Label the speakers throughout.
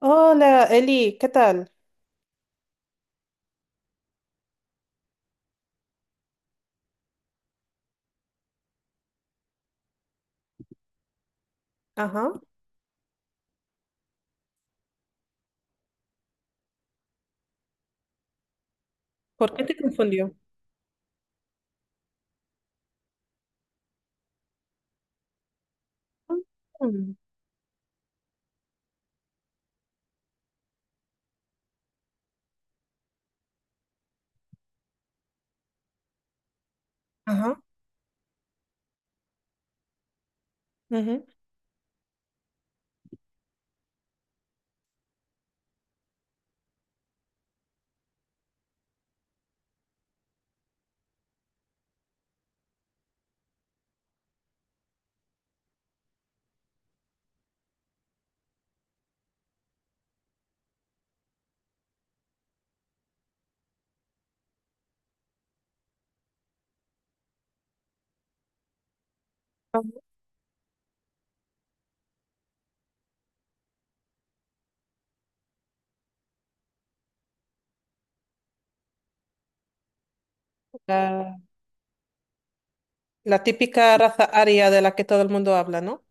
Speaker 1: Hola, Eli, ¿qué tal? Ajá. ¿Por qué te confundió? Mm. Ajá. Ujú. Vamos. La típica raza aria de la que todo el mundo habla, ¿no?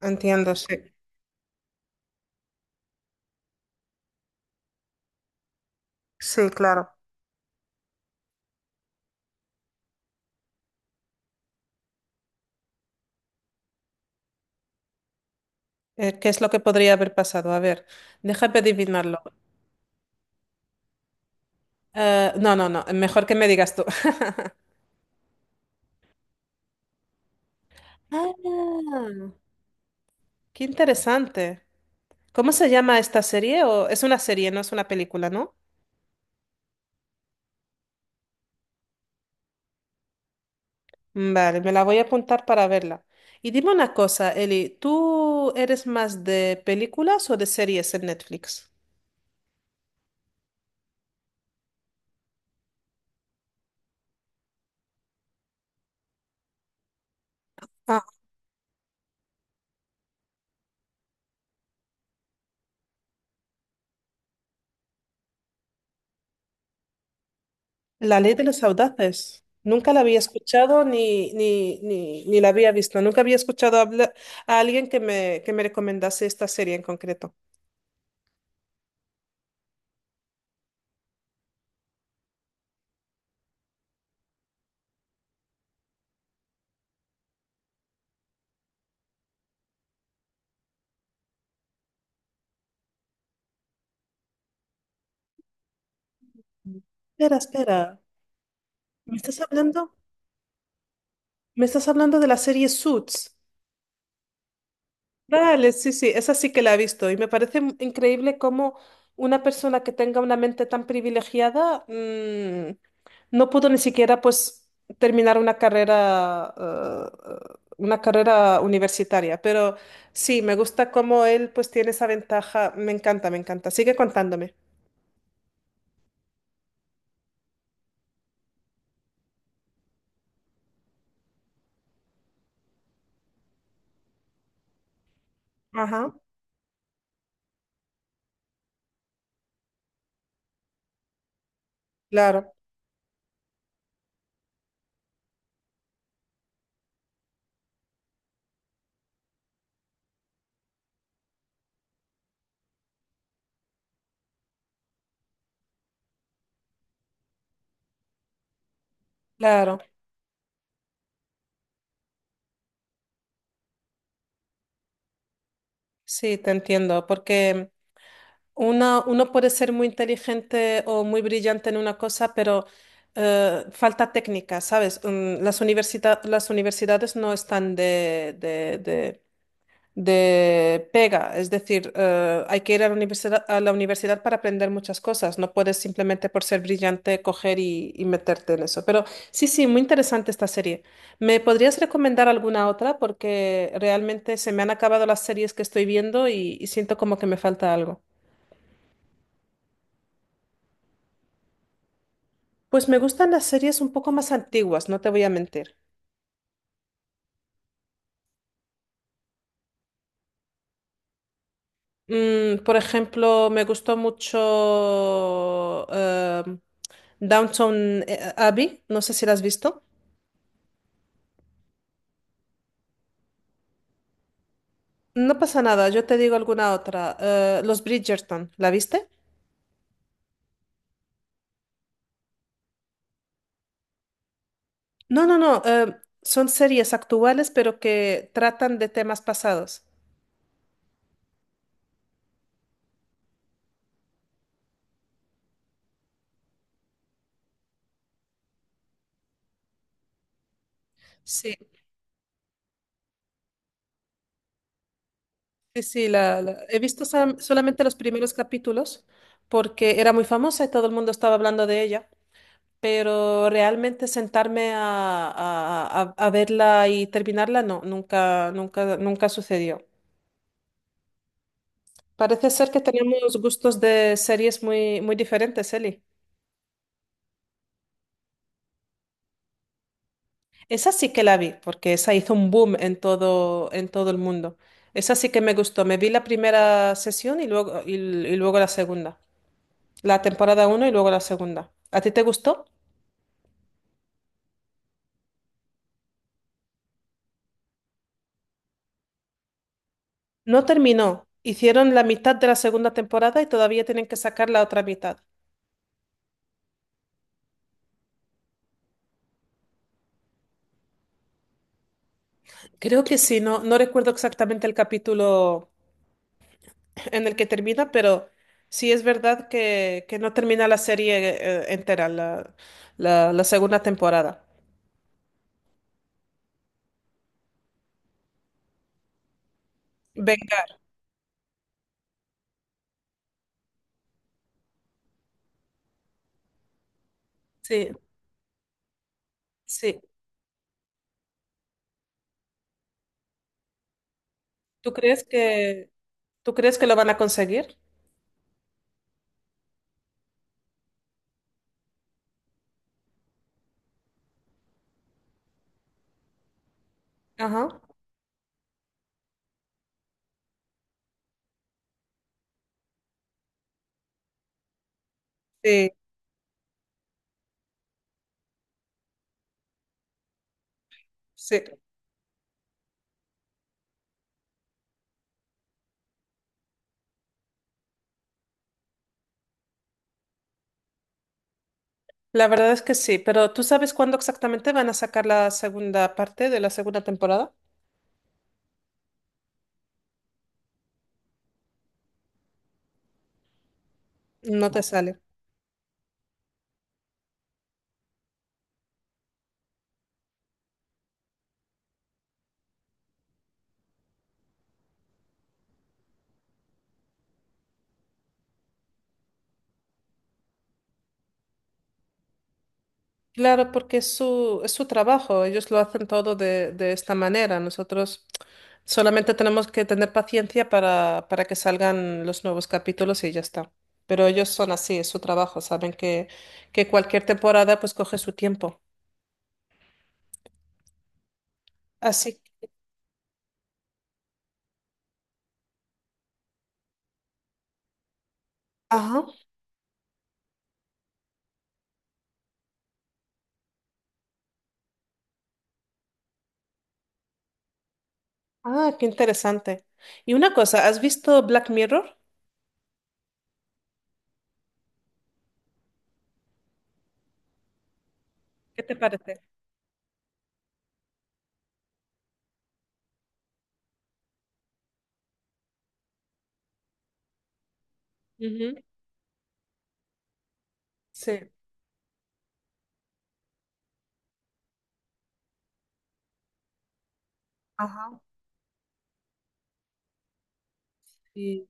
Speaker 1: Entiendo, sí. Sí, claro. ¿Qué es lo que podría haber pasado? A ver, déjame adivinarlo. No, no, no, mejor que me digas tú. Ah, qué interesante. ¿Cómo se llama esta serie? ¿O es una serie, no es una película, ¿no? Mm, vale, me la voy a apuntar para verla. Y dime una cosa, Eli, ¿tú eres más de películas o de series en Netflix? Ah, La Ley de los Audaces. Nunca la había escuchado ni, ni, ni, ni la había visto. Nunca había escuchado a alguien que que me recomendase esta serie en concreto. Espera, espera. ¿Me estás hablando? ¿Me estás hablando de la serie Suits? Vale, sí, sí, esa sí que la he visto y me parece increíble cómo una persona que tenga una mente tan privilegiada, mm, no pudo ni siquiera pues terminar una carrera, una carrera universitaria, pero sí, me gusta cómo él pues tiene esa ventaja, me encanta, me encanta. Sigue contándome. Ajá. Claro, claro, sí, te entiendo, porque uno puede ser muy inteligente o muy brillante en una cosa, pero falta técnica, ¿sabes? Mm, las universidades no están de pega, es decir, hay que ir a la universidad para aprender muchas cosas, no puedes simplemente por ser brillante coger y meterte en eso. Pero sí, sí, muy interesante esta serie. ¿Me podrías recomendar alguna otra? Porque realmente se me han acabado las series que estoy viendo y siento como que me falta algo. Pues me gustan las series un poco más antiguas, no te voy a mentir. Mm, por ejemplo, me gustó mucho Downton Abbey, no sé si la has visto. No pasa nada, yo te digo alguna otra. Los Bridgerton, ¿la viste? No, no, no, son series actuales pero que tratan de temas pasados. Sí, sí, sí, he visto solamente los primeros capítulos porque era muy famosa y todo el mundo estaba hablando de ella. Pero realmente sentarme a, a verla y terminarla, no, nunca, nunca, nunca sucedió. Parece ser que tenemos gustos de series muy, muy diferentes, Eli. Esa sí que la vi, porque esa hizo un boom en todo el mundo. Esa sí que me gustó. Me vi la primera sesión y luego la segunda. La temporada uno y luego la segunda. ¿A ti te gustó? No terminó. Hicieron la mitad de la segunda temporada y todavía tienen que sacar la otra mitad. Creo que sí, no, no recuerdo exactamente el capítulo en el que termina, pero sí es verdad que no termina la serie entera, la segunda temporada. Vengar, sí, sí. ¿Tú crees que, tú crees que lo van a conseguir? Ajá, sí, sí. La verdad es que sí, pero ¿tú sabes cuándo exactamente van a sacar la segunda parte de la segunda temporada? No te sale. Claro, porque es su trabajo, ellos lo hacen todo de esta manera. Nosotros solamente tenemos que tener paciencia para que salgan los nuevos capítulos y ya está. Pero ellos son así, es su trabajo, saben que cualquier temporada pues coge su tiempo. Así. Ajá. Ah, qué interesante. Y una cosa, ¿has visto Black Mirror? ¿Qué te parece? Ujú. Sí. Ajá. Y,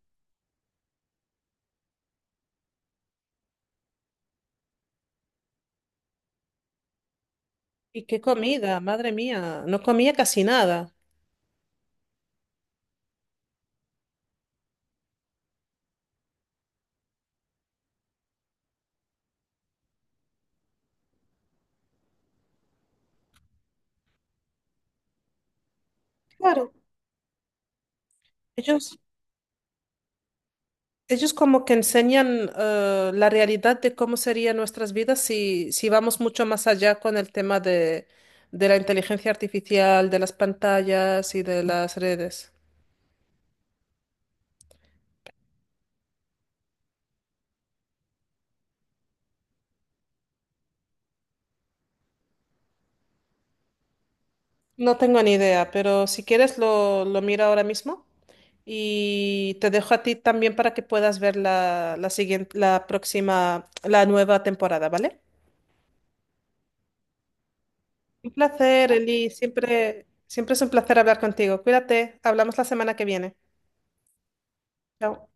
Speaker 1: y qué comida, madre mía, no comía casi nada. Claro, ellos. Ellos como que enseñan, la realidad de cómo serían nuestras vidas si, si vamos mucho más allá con el tema de la inteligencia artificial, de las pantallas y de las redes. No tengo ni idea, pero si quieres lo miro ahora mismo y te dejo a ti también para que puedas ver la, la siguiente, la próxima, la nueva temporada, ¿vale? Un placer, Eli. Siempre, siempre es un placer hablar contigo. Cuídate. Hablamos la semana que viene. Chao.